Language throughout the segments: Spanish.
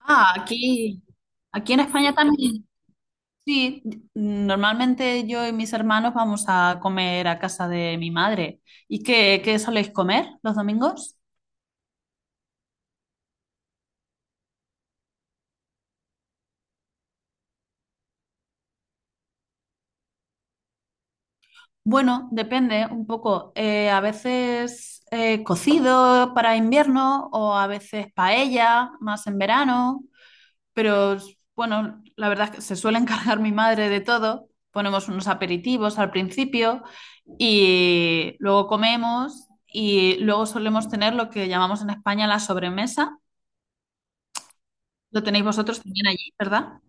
Ah, aquí. Aquí en España también. Sí, normalmente yo y mis hermanos vamos a comer a casa de mi madre. ¿Y qué soléis comer los domingos? Bueno, depende un poco. A veces cocido para invierno o a veces paella, más en verano. Pero bueno, la verdad es que se suele encargar mi madre de todo. Ponemos unos aperitivos al principio. Y luego comemos y luego solemos tener lo que llamamos en España la sobremesa. Lo tenéis vosotros también allí, ¿verdad?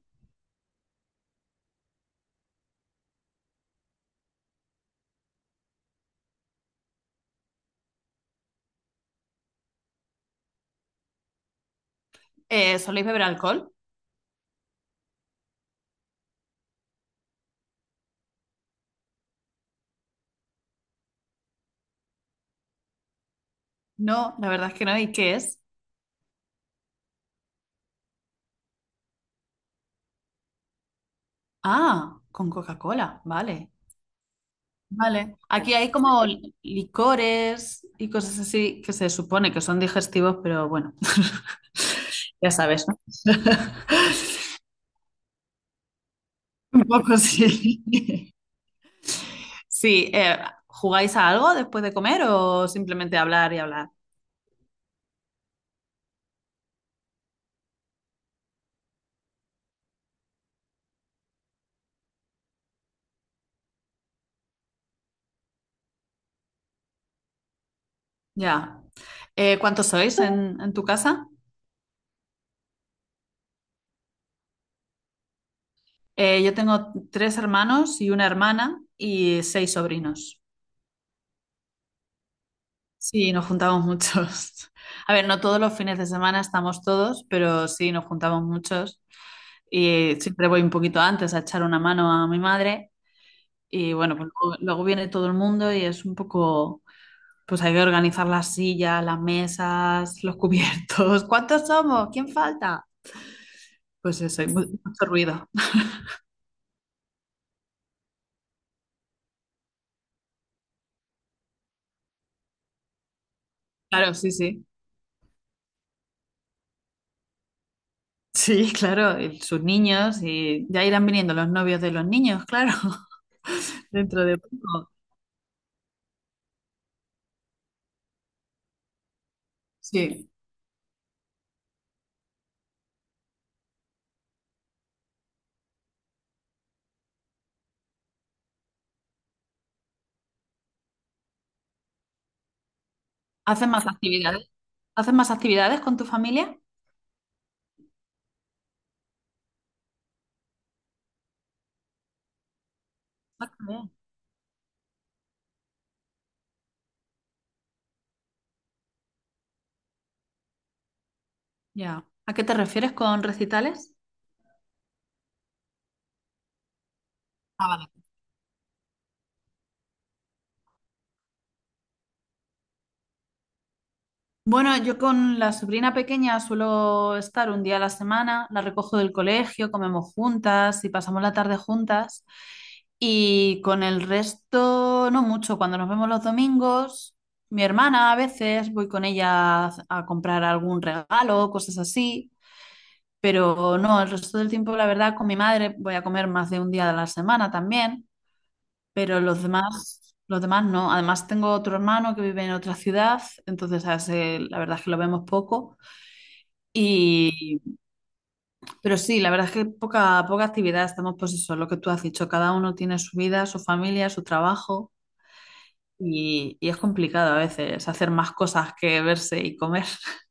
¿Soléis beber alcohol? No, la verdad es que no. ¿Y qué es? Ah, con Coca-Cola, vale. Vale. Aquí hay como licores y cosas así que se supone que son digestivos, pero bueno, ya sabes, ¿no? Un poco sí. Sí, ¿jugáis a algo después de comer o simplemente hablar y hablar? Ya. ¿Cuántos sois en tu casa? Yo tengo tres hermanos y una hermana y seis sobrinos. Sí, nos juntamos muchos. A ver, no todos los fines de semana estamos todos, pero sí, nos juntamos muchos. Y siempre voy un poquito antes a echar una mano a mi madre. Y bueno, pues luego viene todo el mundo y es un poco, pues hay que organizar las sillas, las mesas, los cubiertos. ¿Cuántos somos? ¿Quién falta? Pues eso, hay mucho ruido. Claro, sí, sí. Sí, claro, y sus niños y ya irán viniendo los novios de los niños, claro, dentro de poco. Sí. ¿Hacen más actividades? ¿Hacen más actividades con tu familia? Ah, qué bien. Ya. ¿A qué te refieres con recitales? Ah, vale. Bueno, yo con la sobrina pequeña suelo estar un día a la semana, la recojo del colegio, comemos juntas y pasamos la tarde juntas. Y con el resto, no mucho. Cuando nos vemos los domingos, mi hermana a veces voy con ella a comprar algún regalo, cosas así. Pero no, el resto del tiempo, la verdad, con mi madre voy a comer más de un día a la semana también, pero los demás no. Además, tengo otro hermano que vive en otra ciudad, entonces a ese la verdad es que lo vemos poco. Y, pero sí, la verdad es que poca, poca actividad. Estamos, pues eso, lo que tú has dicho, cada uno tiene su vida, su familia, su trabajo. Y es complicado a veces hacer más cosas que verse y comer.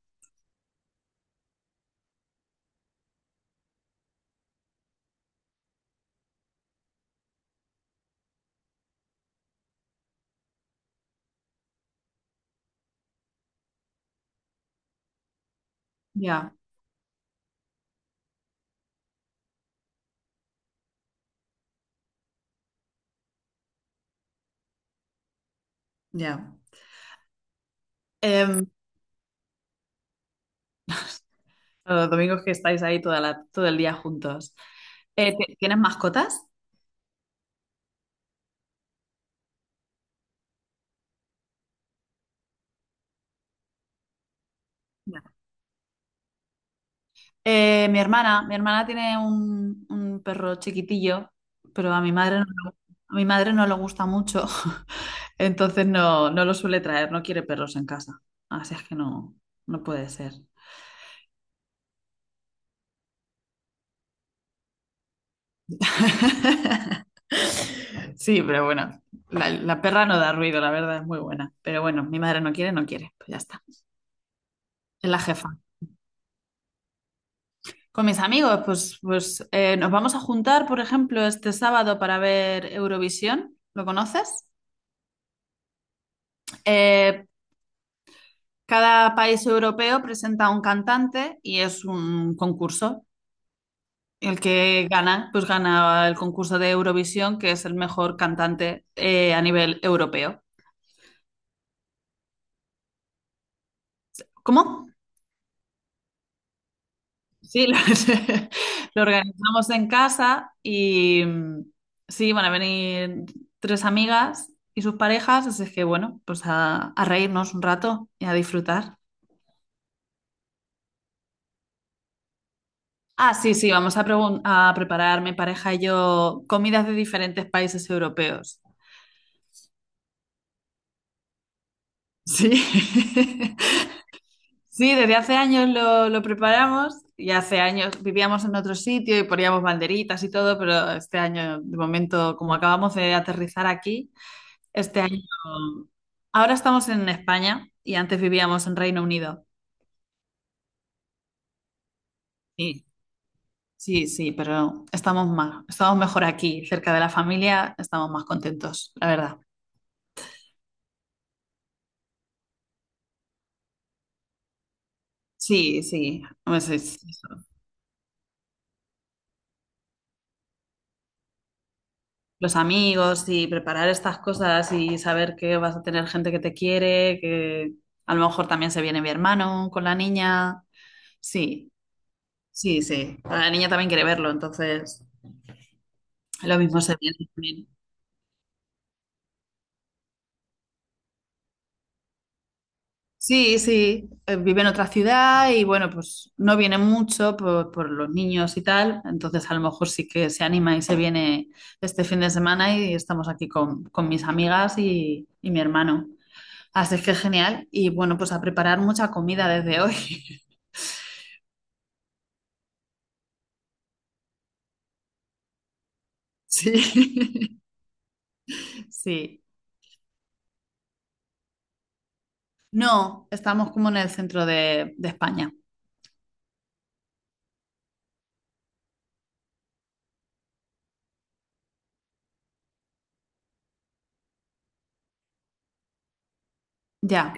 Ya, ya. Em, los domingos que estáis ahí todo el día juntos. Eh, ¿Tienes mascotas? Mi hermana, tiene un, perro chiquitillo, pero a mi madre no, a mi madre no le gusta mucho, entonces no, no lo suele traer, no quiere perros en casa. Así es que no, no puede ser. Sí, pero bueno, la perra no da ruido, la verdad, es muy buena. Pero bueno, mi madre no quiere, no quiere, pues ya está. Es la jefa. Con mis amigos, pues nos vamos a juntar, por ejemplo, este sábado para ver Eurovisión. ¿Lo conoces? Eh, Cada país europeo presenta un cantante y es un concurso. El que gana, pues gana el concurso de Eurovisión, que es el mejor cantante a nivel europeo. ¿Cómo? Sí, lo organizamos en casa y sí, van a venir tres amigas y sus parejas, así es que bueno, pues a reírnos un rato y a disfrutar. Ah, sí, sí, vamos a preparar mi pareja y yo comidas de diferentes países europeos. Sí, sí, desde hace años lo preparamos y hace años vivíamos en otro sitio y poníamos banderitas y todo, pero este año, de momento, como acabamos de aterrizar aquí, este año, ahora estamos en España y antes vivíamos en Reino Unido. Sí, sí, sí, pero estamos más, estamos mejor aquí, cerca de la familia, estamos más contentos, la verdad. Sí, sí, pues los amigos y preparar estas cosas y saber que vas a tener gente que te quiere, que a lo mejor también se viene mi hermano con la niña. Sí, sí, sí. La niña también quiere verlo, entonces lo mismo se viene también. Sí, sí, vive en otra ciudad y bueno, pues no viene mucho por los niños y tal, entonces a lo mejor sí que se anima y se viene este fin de semana y estamos aquí con mis amigas y mi hermano. Así es que genial. Y bueno, pues a preparar mucha comida desde hoy. Sí, sí. No, estamos como en el centro de España. Ya.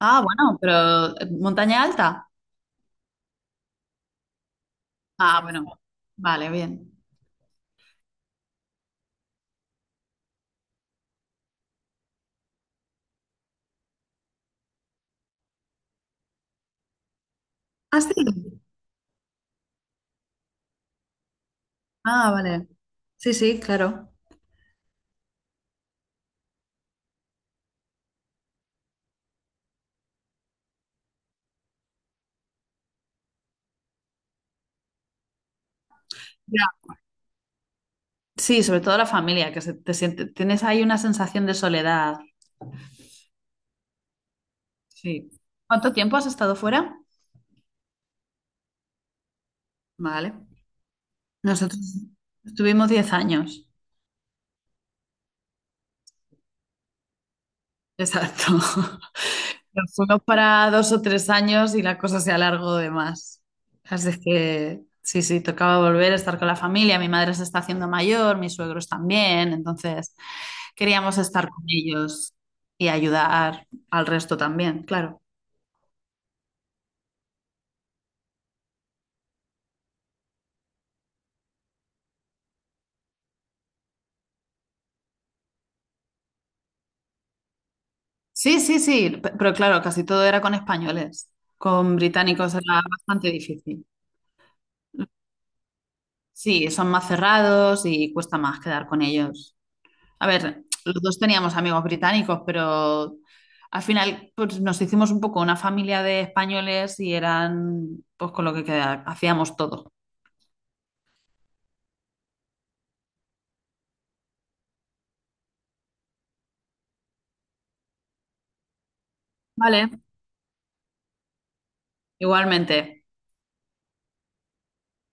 Ah, bueno, pero montaña alta. Ah, bueno. Vale, bien. Ah, sí. Ah, vale. Sí, sí, claro. Ya. Sí, sobre todo la familia, que te siente, tienes ahí una sensación de soledad. Sí. ¿Cuánto tiempo has estado fuera? Vale. Nosotros estuvimos 10 años. Exacto. Nos fuimos para 2 o 3 años y la cosa se alargó de más. Así es que sí, sí, tocaba volver a estar con la familia. Mi madre se está haciendo mayor, mis suegros también. Entonces queríamos estar con ellos y ayudar al resto también, claro. Sí, sí, sí, pero claro, casi todo era con españoles. Con británicos era bastante difícil. Sí, son más cerrados y cuesta más quedar con ellos. A ver, los dos teníamos amigos británicos, pero al final pues, nos hicimos un poco una familia de españoles y eran pues con lo que hacíamos todo. Vale. Igualmente.